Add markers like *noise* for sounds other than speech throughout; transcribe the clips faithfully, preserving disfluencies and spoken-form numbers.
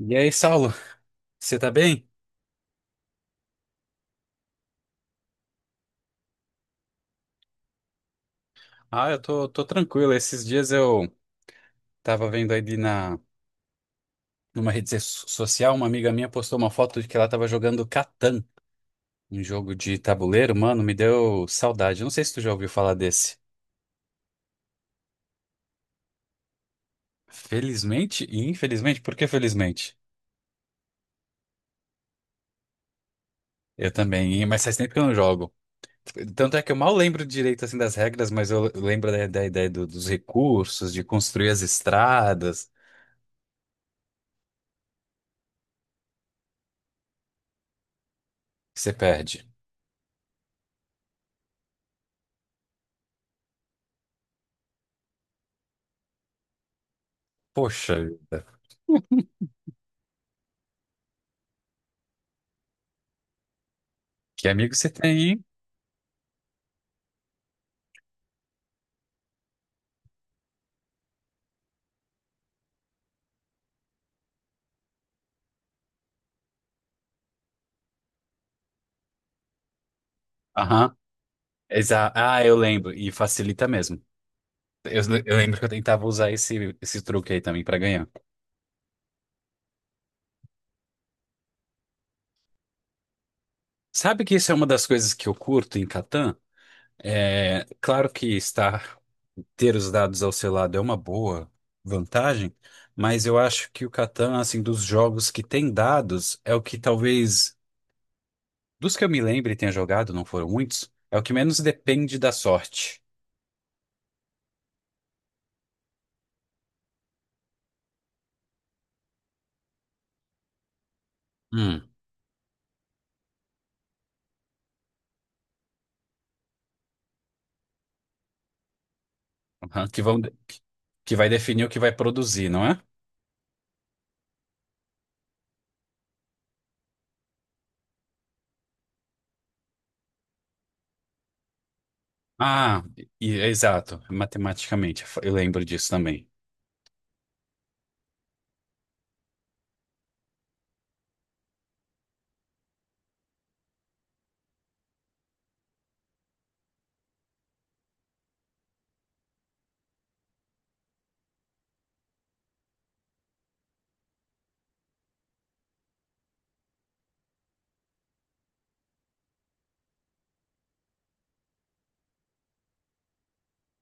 E aí, Saulo, você tá bem? Ah, eu tô, tô tranquilo. Esses dias eu tava vendo aí na, numa rede so- social, uma amiga minha postou uma foto de que ela tava jogando Catan, um jogo de tabuleiro. Mano, me deu saudade. Não sei se tu já ouviu falar desse. Felizmente e infelizmente, por que felizmente? Eu também, e- mas faz tempo que eu não jogo. Tanto é que eu mal lembro direito assim das regras, mas eu lembro da, da ideia do- dos recursos, de construir as estradas. Você perde. Poxa vida. Que amigo você tem, hein? Aham. Exa ah, eu lembro. E facilita mesmo. Eu, eu lembro que eu tentava usar esse, esse truque aí também pra ganhar. Sabe que isso é uma das coisas que eu curto em Catan? É, claro que estar, ter os dados ao seu lado é uma boa vantagem, mas eu acho que o Catan, assim, dos jogos que tem dados, é o que talvez. Dos que eu me lembre e tenha jogado, não foram muitos, é o que menos depende da sorte. Hum. Aham, que vão, que vai definir o que vai produzir, não é? Ah, e- exato, matematicamente, eu lembro disso também.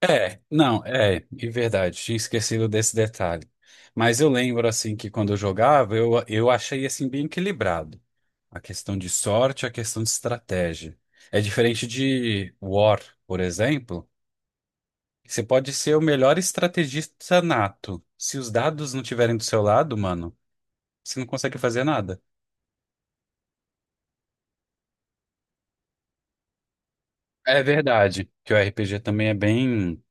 É, não, é, é verdade, tinha esquecido desse detalhe. Mas eu lembro, assim, que quando eu jogava, eu, eu achei, assim, bem equilibrado. A questão de sorte, a questão de estratégia. É diferente de War, por exemplo. Você pode ser o melhor estrategista nato. Se os dados não tiverem do seu lado, mano, você não consegue fazer nada. É verdade que o R P G também é bem.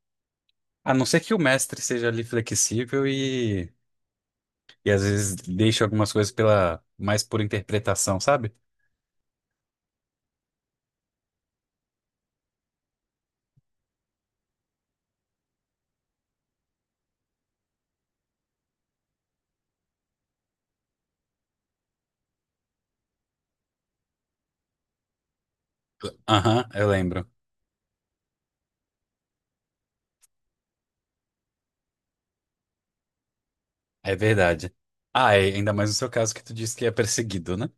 A não ser que o mestre seja ali flexível e, e às vezes deixe algumas coisas pela mais por interpretação, sabe? Aham, eu lembro. É verdade. Ah, é, ainda mais no seu caso que tu disse que é perseguido, né?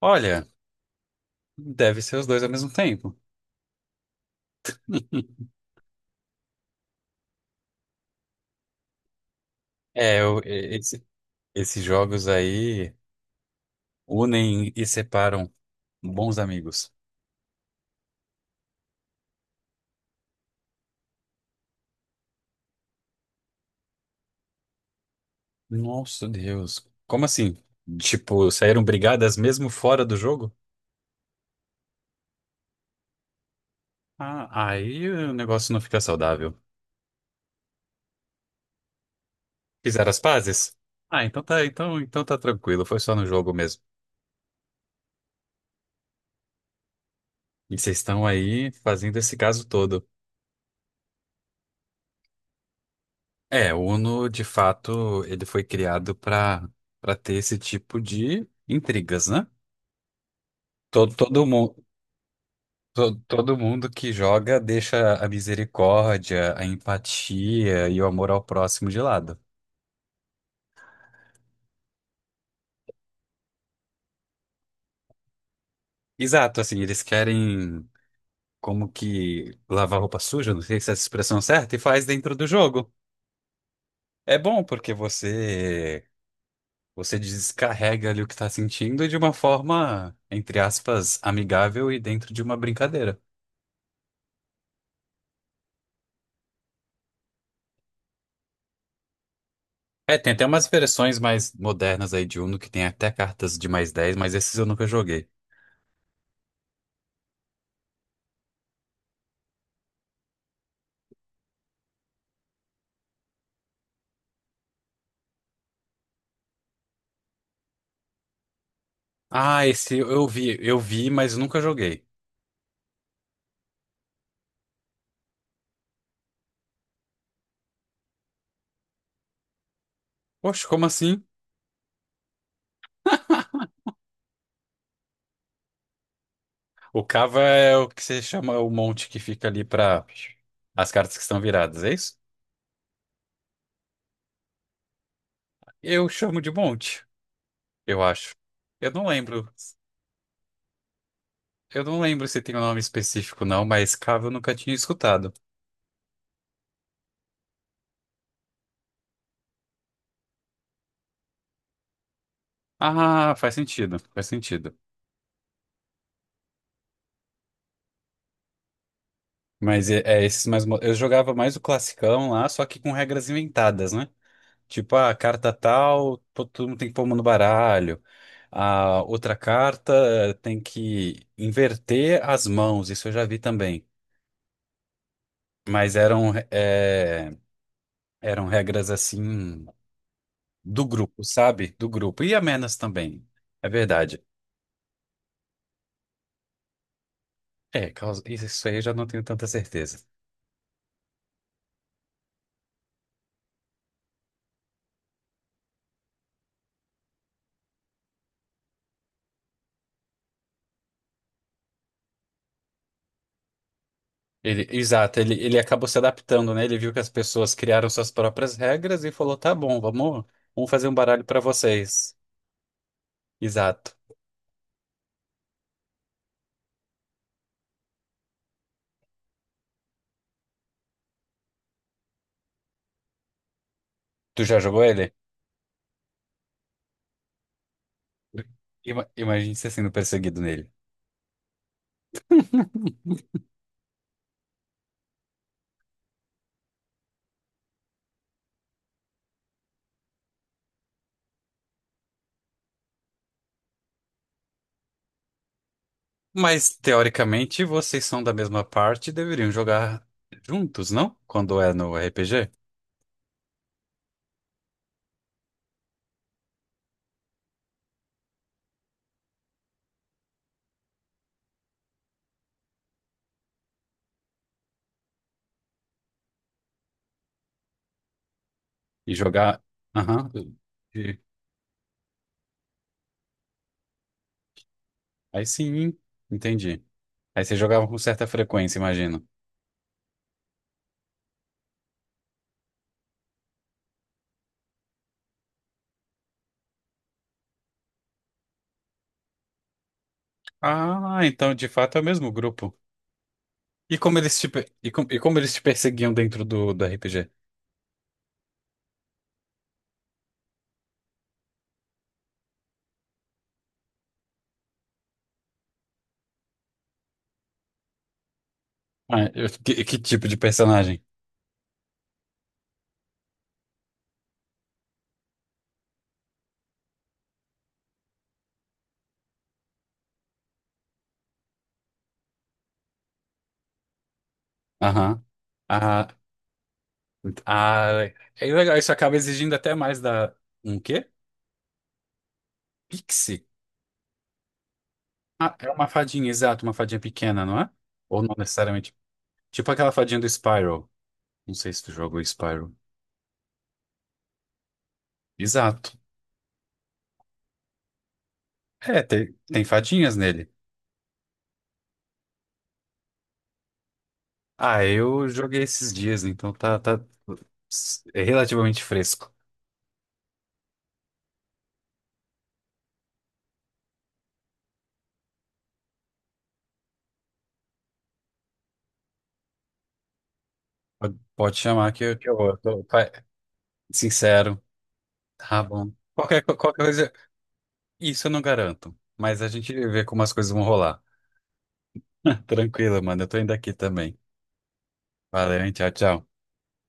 Olha, deve ser os dois ao mesmo tempo. É, eu, e- esse- esses jogos aí. Unem e separam bons amigos. Nossa Deus. Como assim? Tipo, saíram brigadas mesmo fora do jogo? Ah, aí o negócio não fica saudável. Fizeram as pazes? Ah, então tá, então, então tá tranquilo, foi só no jogo mesmo. E vocês estão aí fazendo esse caso todo. É, o Uno, de fato, ele foi criado para para ter esse tipo de intrigas, né? Todo, todo mundo, To- Todo mundo que joga deixa a misericórdia, a empatia e o amor ao próximo de lado. Exato, assim, eles querem como que lavar roupa suja, não sei se é essa expressão certa, e faz dentro do jogo. É bom porque você você descarrega ali o que tá sentindo de uma forma, entre aspas, amigável e dentro de uma brincadeira. É, tem até umas versões mais modernas aí de Uno que tem até cartas de mais dez, mas esses eu nunca joguei. Ah, esse eu vi, eu vi, mas nunca joguei. Poxa, como assim? O cava é o que você chama o monte que fica ali para as cartas que estão viradas, é isso? Eu chamo de monte, eu acho. Eu não lembro. Eu não lembro se tem um nome específico, não, mas cava eu nunca tinha escutado. Ah, faz sentido, faz sentido. Mas é, é esses mais. mo- Eu jogava mais o classicão lá, só que com regras inventadas, né? Tipo, "Ah, a carta tal, to- todo mundo tem que pôr uma no baralho. A outra carta eh, tem que inverter as mãos, isso eu já vi também. Mas eram, é, eram regras assim do grupo, sabe? Do grupo. E amenas também, é verdade. É, causa- isso aí eu já não tenho tanta certeza. Ele, exato, ele, ele acabou se adaptando, né? Ele viu que as pessoas criaram suas próprias regras e falou: tá bom, vamos, vamos fazer um baralho pra vocês. Exato. Tu já jogou ele? Ima- Imagine você sendo perseguido nele. Mas, teoricamente, vocês são da mesma parte e deveriam jogar juntos, não? Quando é no R P G? E jogar. Aham. E- Aí sim, entendi. Aí vocês jogavam com certa frequência, imagino. Ah, então de fato é o mesmo grupo. E como eles te, per- e com- e como eles te perseguiam dentro do, do R P G? Ah, eu- que, que tipo de personagem? Aham. Ah, ah, é legal, isso acaba exigindo até mais da. Um quê? Pixie? Ah, é uma fadinha, exato, uma fadinha pequena, não é? Ou não necessariamente. Tipo aquela fadinha do Spyro. Não sei se tu jogou Spyro. Exato. É, tem, tem fadinhas nele. Ah, eu joguei esses dias, então tá, tá s- é relativamente fresco. Pode pode chamar que eu, que eu eu tô fa- sincero. Tá bom. Qualquer, co- qualquer coisa, isso eu não garanto. Mas a gente vê como as coisas vão rolar. *laughs* Tranquilo, mano. Eu tô indo aqui também. Valeu, hein? Tchau, tchau.